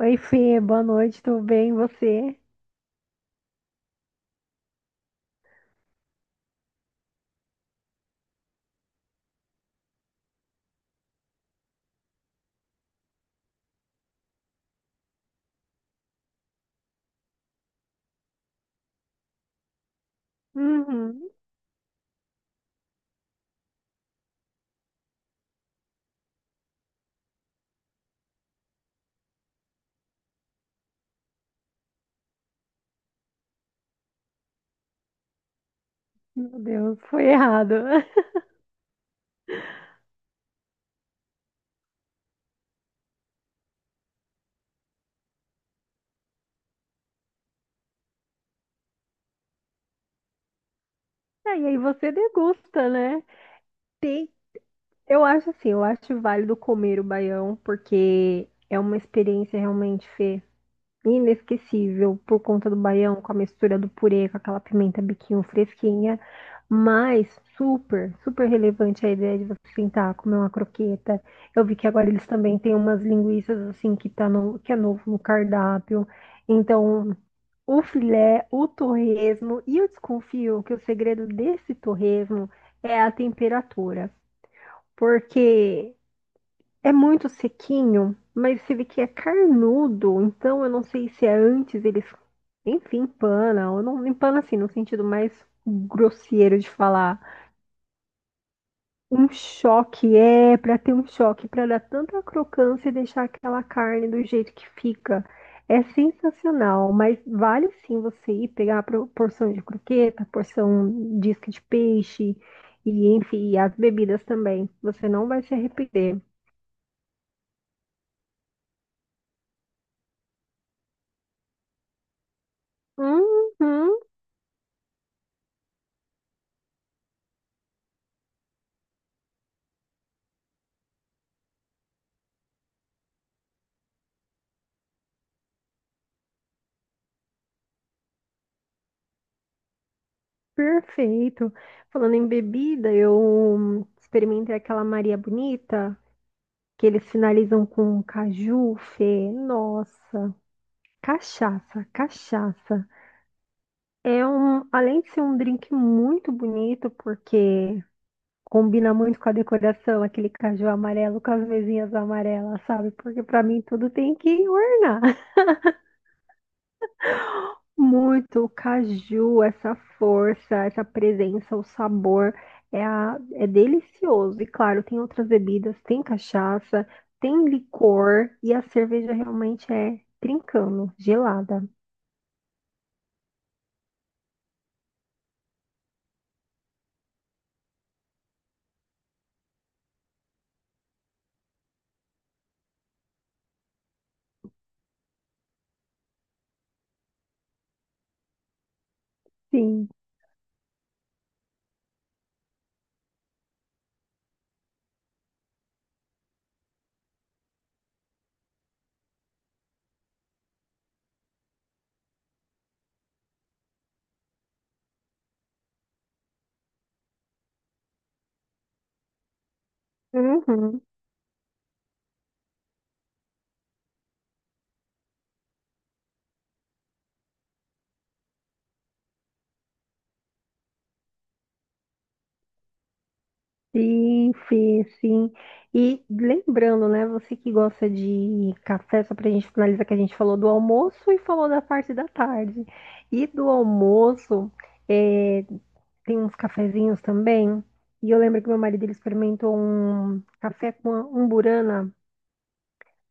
Oi, Fê, boa noite, tudo bem? E você? Uhum. Meu Deus, foi errado. Ah, e aí você degusta, né? Tem, eu acho assim, eu acho válido comer o baião, porque é uma experiência realmente, Fê. Inesquecível por conta do baião, com a mistura do purê, com aquela pimenta biquinho fresquinha, mas super, super relevante a ideia de você sentar, comer uma croqueta. Eu vi que agora eles também têm umas linguiças assim que tá no, que é novo no cardápio. Então, o filé, o torresmo, e eu desconfio que o segredo desse torresmo é a temperatura, porque é muito sequinho, mas você vê que é carnudo, então eu não sei se é antes eles, enfim, empana, ou não empana assim, no sentido mais grosseiro de falar. Um choque é para ter um choque, para dar tanta crocância e deixar aquela carne do jeito que fica. É sensacional, mas vale sim você ir pegar a porção de croqueta, porção de isca de peixe e enfim, e as bebidas também. Você não vai se arrepender. Uhum. Perfeito. Falando em bebida, eu experimentei aquela Maria Bonita, que eles finalizam com caju, Fê, nossa, cachaça, cachaça. É um, além de ser um drink muito bonito, porque combina muito com a decoração, aquele caju amarelo com as mesinhas amarelas, sabe? Porque para mim tudo tem que ornar. Muito o caju, essa força, essa presença, o sabor é, a- é delicioso. E claro, tem outras bebidas, tem cachaça, tem licor e a cerveja realmente é trincando, gelada. Sim. Uhum. Sim, sim, sim. E lembrando, né, você que gosta de café, só pra gente finalizar que a gente falou do almoço e falou da parte da tarde. E do almoço, é, tem uns cafezinhos também. E eu lembro que meu marido ele experimentou um café com amburana,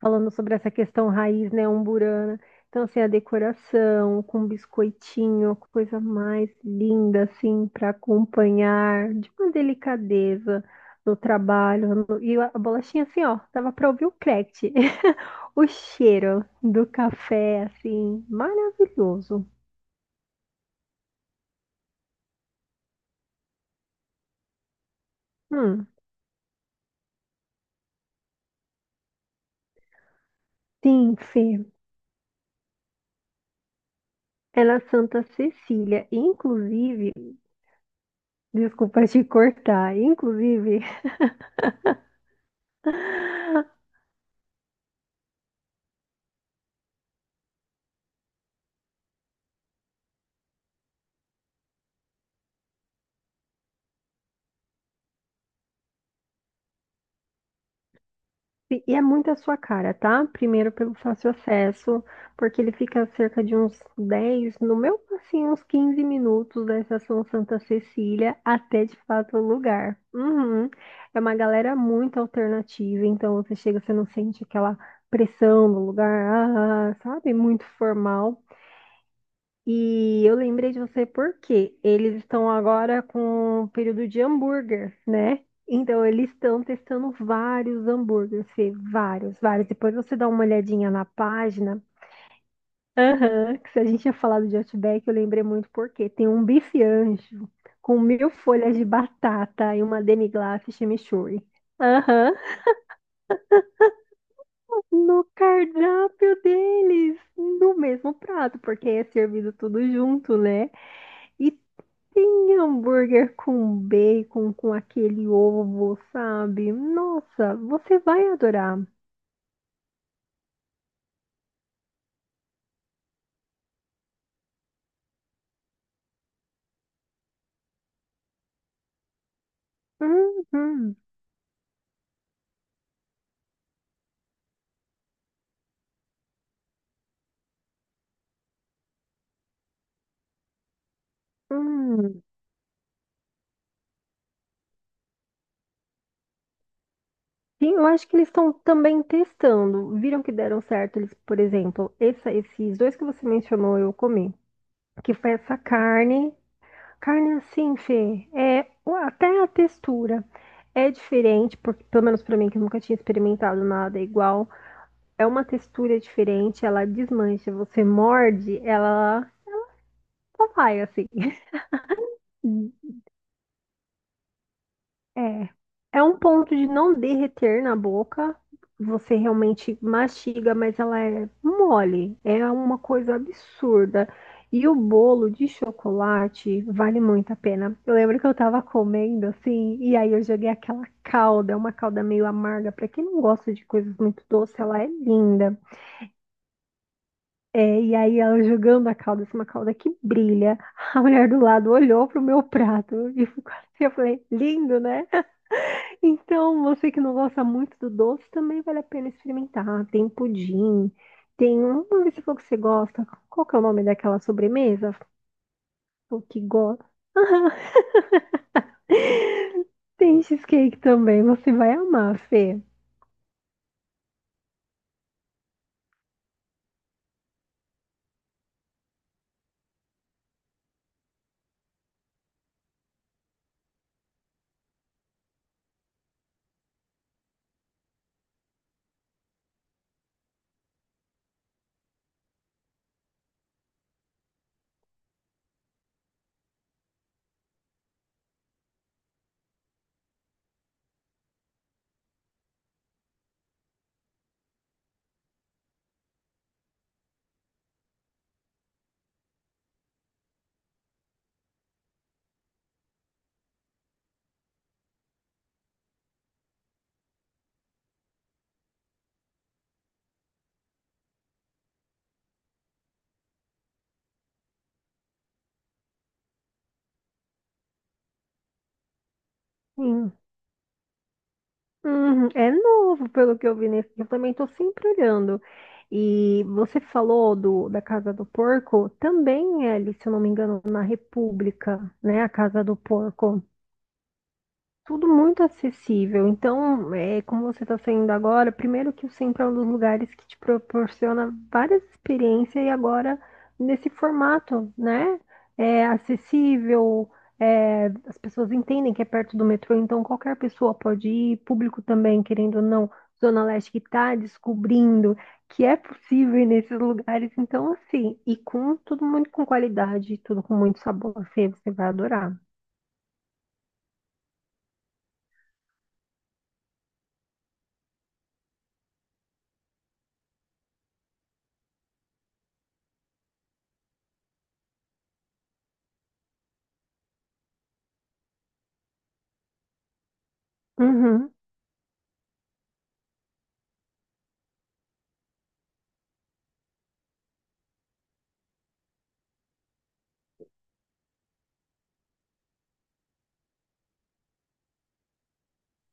falando sobre essa questão raiz, né, umburana. Então, assim, a decoração com biscoitinho, coisa mais linda, assim, para acompanhar, de uma delicadeza no trabalho. E a bolachinha, assim, ó, dava para ouvir o crack. O cheiro do café, assim, maravilhoso. Hum, sim, Fê. Era Santa Cecília. Inclusive, desculpa te cortar, inclusive. E é muito a sua cara, tá? Primeiro pelo fácil acesso, porque ele fica cerca de uns 10, no meu, assim, uns 15 minutos da Estação Santa Cecília até de fato o lugar. Uhum. É uma galera muito alternativa, então você chega, você não sente aquela pressão do lugar, ah, sabe? Muito formal. E eu lembrei de você porque eles estão agora com o período de hambúrguer, né? Então eles estão testando vários hambúrgueres, Fê, vários, vários. Depois você dá uma olhadinha na página. Aham, que se a gente tinha falado de Outback, eu lembrei muito porque tem um bife anjo com mil folhas de batata e uma demi-glace chimichurri. Aham, no cardápio deles, no mesmo prato, porque é servido tudo junto, né? E tem hambúrguer com bacon, com aquele ovo, sabe? Nossa, você vai adorar. Uhum, uhum. Sim, eu acho que eles estão também testando. Viram que deram certo eles, por exemplo, esses dois que você mencionou eu comi, que foi essa carne. Carne assim, Fê, é o- até a textura é diferente, porque pelo menos pra mim que eu nunca tinha experimentado nada igual. É uma textura diferente, ela desmancha. Você morde, ela só vai assim. É. É um ponto de não derreter na boca. Você realmente mastiga, mas ela é mole. É uma coisa absurda. E o bolo de chocolate vale muito a pena. Eu lembro que eu tava comendo assim, e aí eu joguei aquela calda, é uma calda meio amarga. Pra quem não gosta de coisas muito doces, ela é linda. É, e aí ela jogando a calda, assim, uma calda que brilha. A mulher do lado olhou pro meu prato e ficou assim, eu falei, lindo, né? Então, você que não gosta muito do doce, também vale a pena experimentar. Tem pudim, tem um, vamos ver se for que você gosta. Qual que é o nome daquela sobremesa? O que gosta? Tem cheesecake também, você vai amar, Fê. Sim. Uhum, é novo, pelo que eu vi nesse. Eu também estou sempre olhando. E você falou do, da Casa do Porco, também é ali, se eu não me engano, na República, né? A Casa do Porco. Tudo muito acessível. Então, é, como você está saindo agora, primeiro que o centro é um dos lugares que te proporciona várias experiências e agora nesse formato, né? É acessível, é, as pessoas entendem que é perto do metrô, então qualquer pessoa pode ir, público também, querendo ou não, Zona Leste que está descobrindo que é possível ir nesses lugares. Então, assim, e com tudo muito com qualidade, tudo com muito sabor, Fê, você vai adorar. Uhum,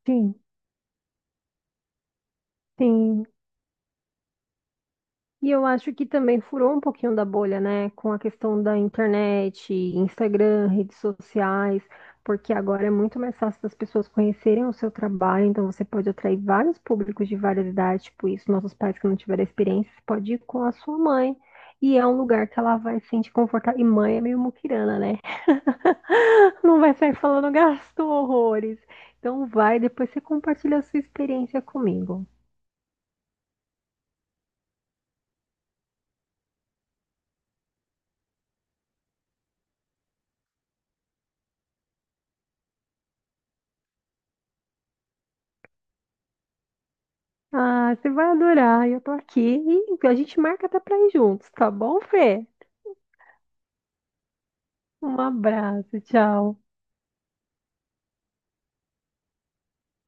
sim, sim. E eu acho que também furou um pouquinho da bolha, né? Com a questão da internet, Instagram, redes sociais, porque agora é muito mais fácil das pessoas conhecerem o seu trabalho, então você pode atrair vários públicos de várias idades, tipo isso, nossos pais que não tiveram experiência, você pode ir com a sua mãe. E é um lugar que ela vai se sentir confortável. E mãe é meio muquirana, né? Não vai sair falando gasto horrores. Então vai, depois você compartilha a sua experiência comigo. Ah, você vai adorar. Eu tô aqui e a gente marca até pra ir juntos, tá bom, Fê? Um abraço, tchau.